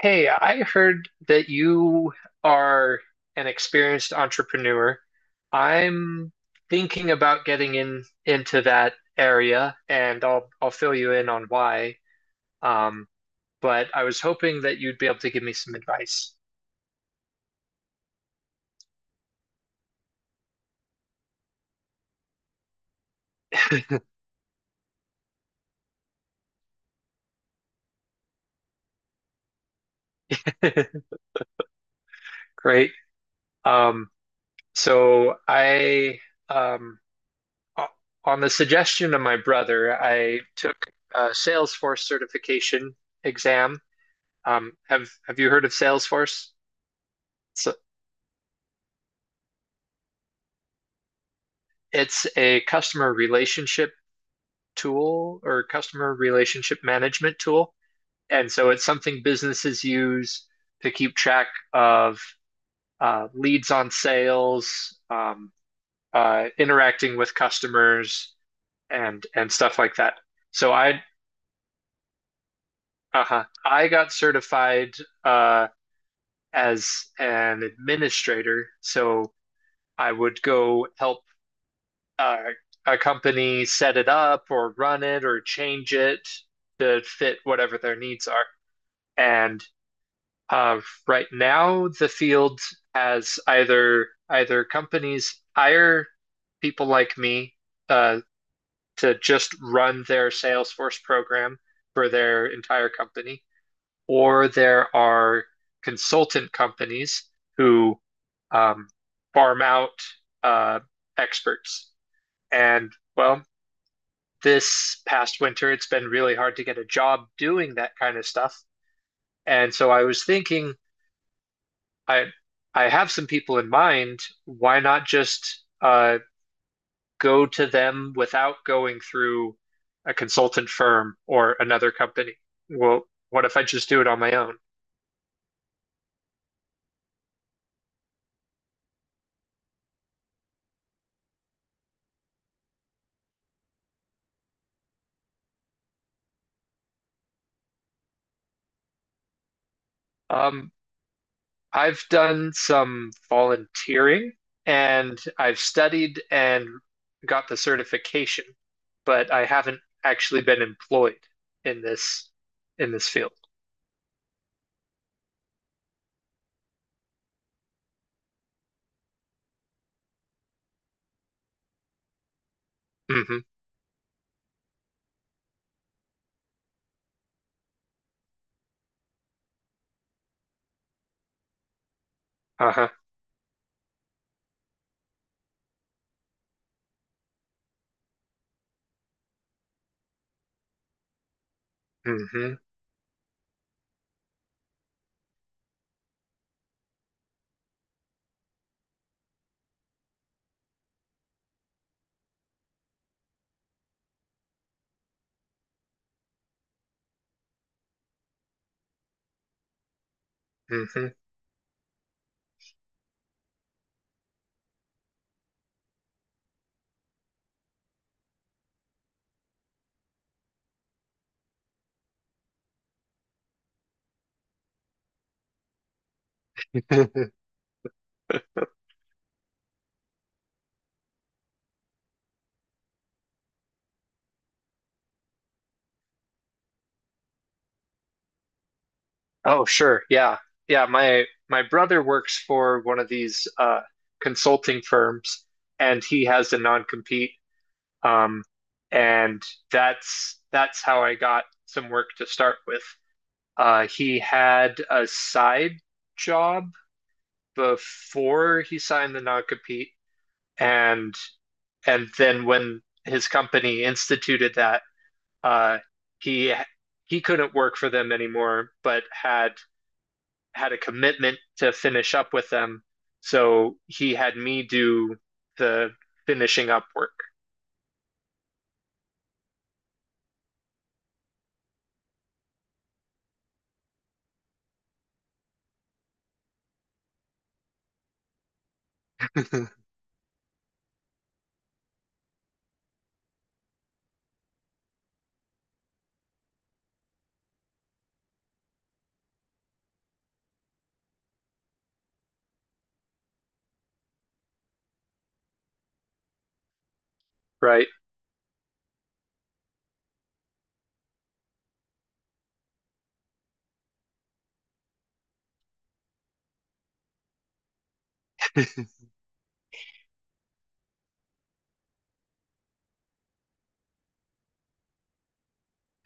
Hey, I heard that you are an experienced entrepreneur. I'm thinking about getting in into that area, and I'll fill you in on why. Um, but I was hoping that you'd be able to give me some advice. Great. Um, so um, o- on the suggestion of my brother, I took a Salesforce certification exam. Have you heard of Salesforce? So, it's a customer relationship tool or customer relationship management tool. And so it's something businesses use to keep track of leads on sales, interacting with customers, and stuff like that. So I got certified uh, as an administrator, so I would go help uh, a company set it up or run it or change it to fit whatever their needs are. And uh, right now, the field has either companies hire people like me uh, to just run their Salesforce program for their entire company, or there are consultant companies who um, farm out uh, experts. And well, this past winter, it's been really hard to get a job doing that kind of stuff. And so I was thinking, I I have some people in mind. Why not just go to them without going through a consultant firm or another company? Well, what if I just do it on my own? Um, I've done some volunteering and I've studied and got the certification, but I haven't actually been employed in this field. Hmm. Uh-huh. Hmm. Hmm. Oh, sure. Yeah. Yeah, my brother works for one of these consulting firms and he has a non-compete, um and that's how I got some work to start with. He had a side job before he signed the non-compete, and then when his company instituted that, uh, he he couldn't work for them anymore, but had a commitment to finish up with them. So he had me do the finishing up work. Right?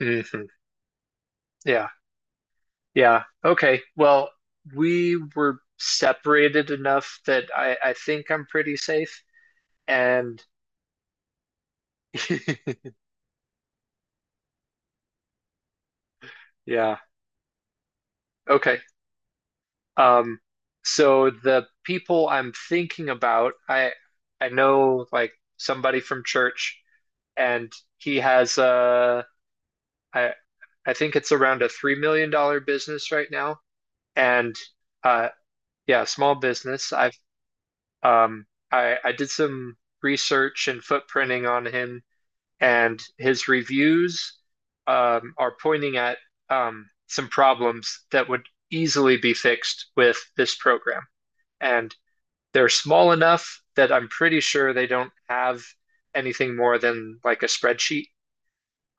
Mhm. Yeah. Yeah. Okay. Well, we were separated enough that I think I'm pretty safe. And yeah. Okay. Um, so the people I'm thinking about, I know like somebody from church, and he has I I think it's around a $3 million business right now. And uh yeah, small business. Um I I did some research and footprinting on him and his reviews are pointing at some problems that would easily be fixed with this program. And they're small enough that I'm pretty sure they don't have anything more than like a spreadsheet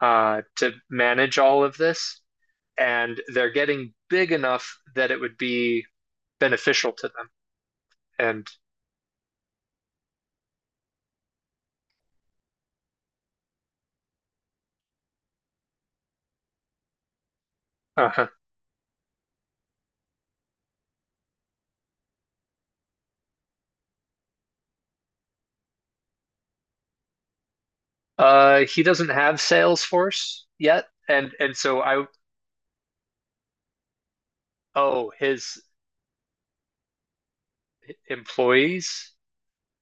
to manage all of this. And they're getting big enough that it would be beneficial to them. And uh-huh. Uh, he doesn't have Salesforce yet, and so I. Oh, his employees.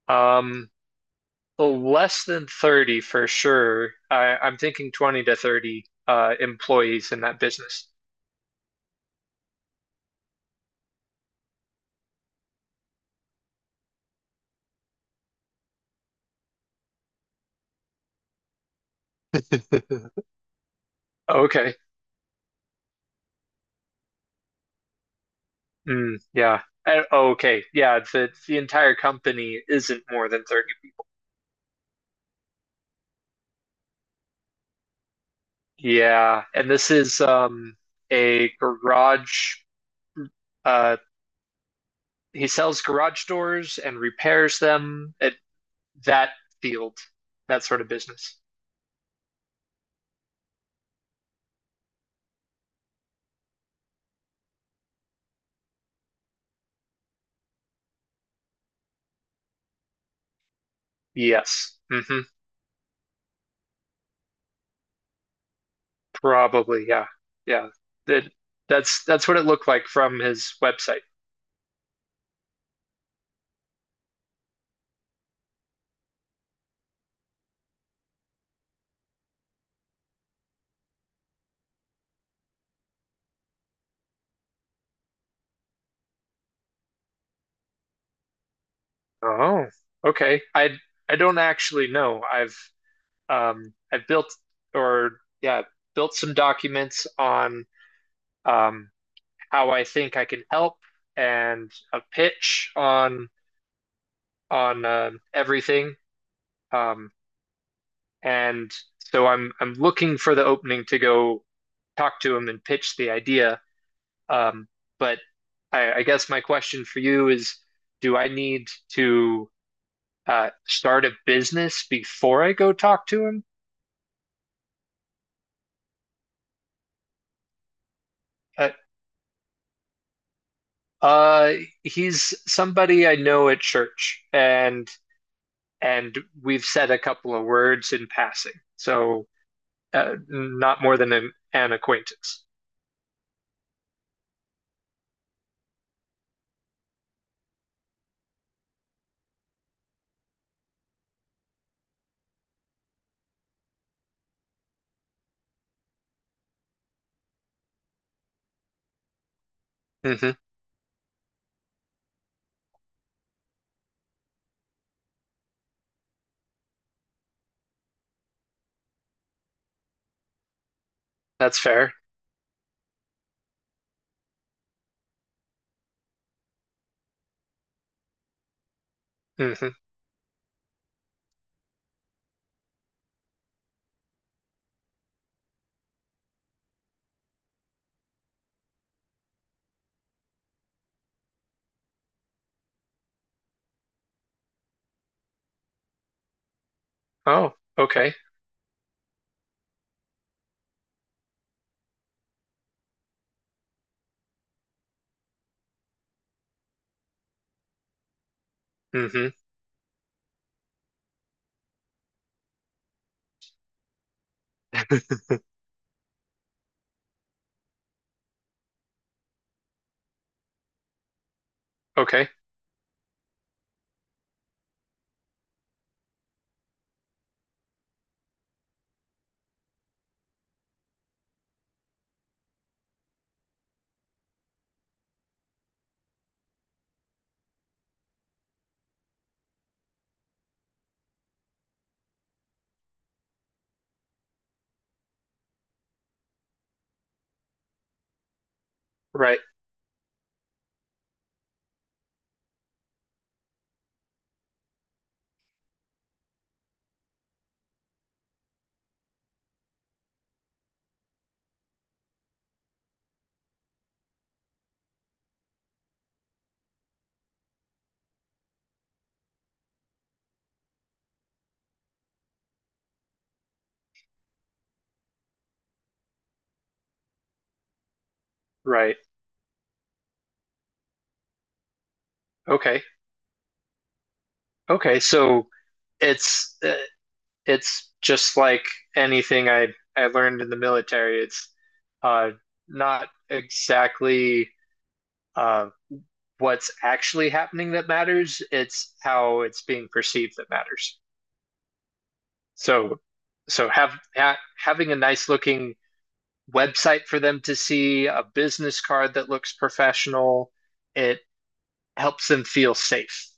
Um, well, less than 30 for sure. I'm thinking 20 to 30 employees in that business. Okay. Mm, yeah. Okay. Yeah. The entire company isn't more than 30 people. Yeah. And this is a garage uh he sells garage doors and repairs them at that field, that sort of business. Yes. Hmm. Probably, yeah. Yeah. That that's what it looked like from his website. Oh, okay. I don't actually know. I've built or yeah, built some documents on um how I think I can help and a pitch on on everything. Um and so I'm looking for the opening to go talk to him and pitch the idea. Um, but I guess my question for you is, do I need to start a business before I go talk to him? Uh, uh, he's somebody I know at church, and and we've said a couple of words in passing, so not more than an acquaintance. Hmm. That's fair. Hmm. Oh, okay. Hmm. Okay. Right. Right. Okay. Okay. So it's uh, it's just like anything I learned in the military. It's uh, not exactly uh, what's actually happening that matters. It's how it's being perceived that matters. So so have ha having a nice looking website for them to see, a business card that looks professional, it helps them feel safe.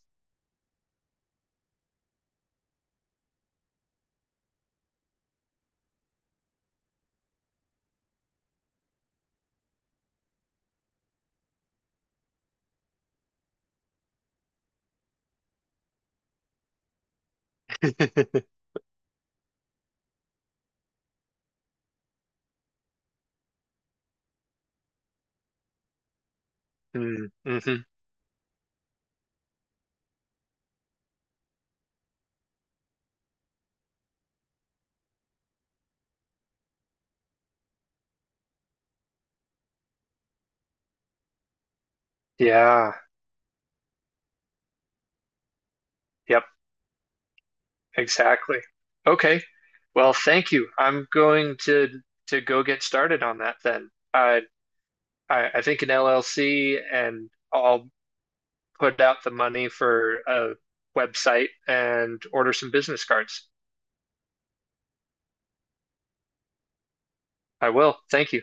Mm-hmm. Yeah. Yep. Exactly. Okay. Well, thank you. I'm going to go get started on that then. I think an LLC and I'll put out the money for a website and order some business cards. I will. Thank you.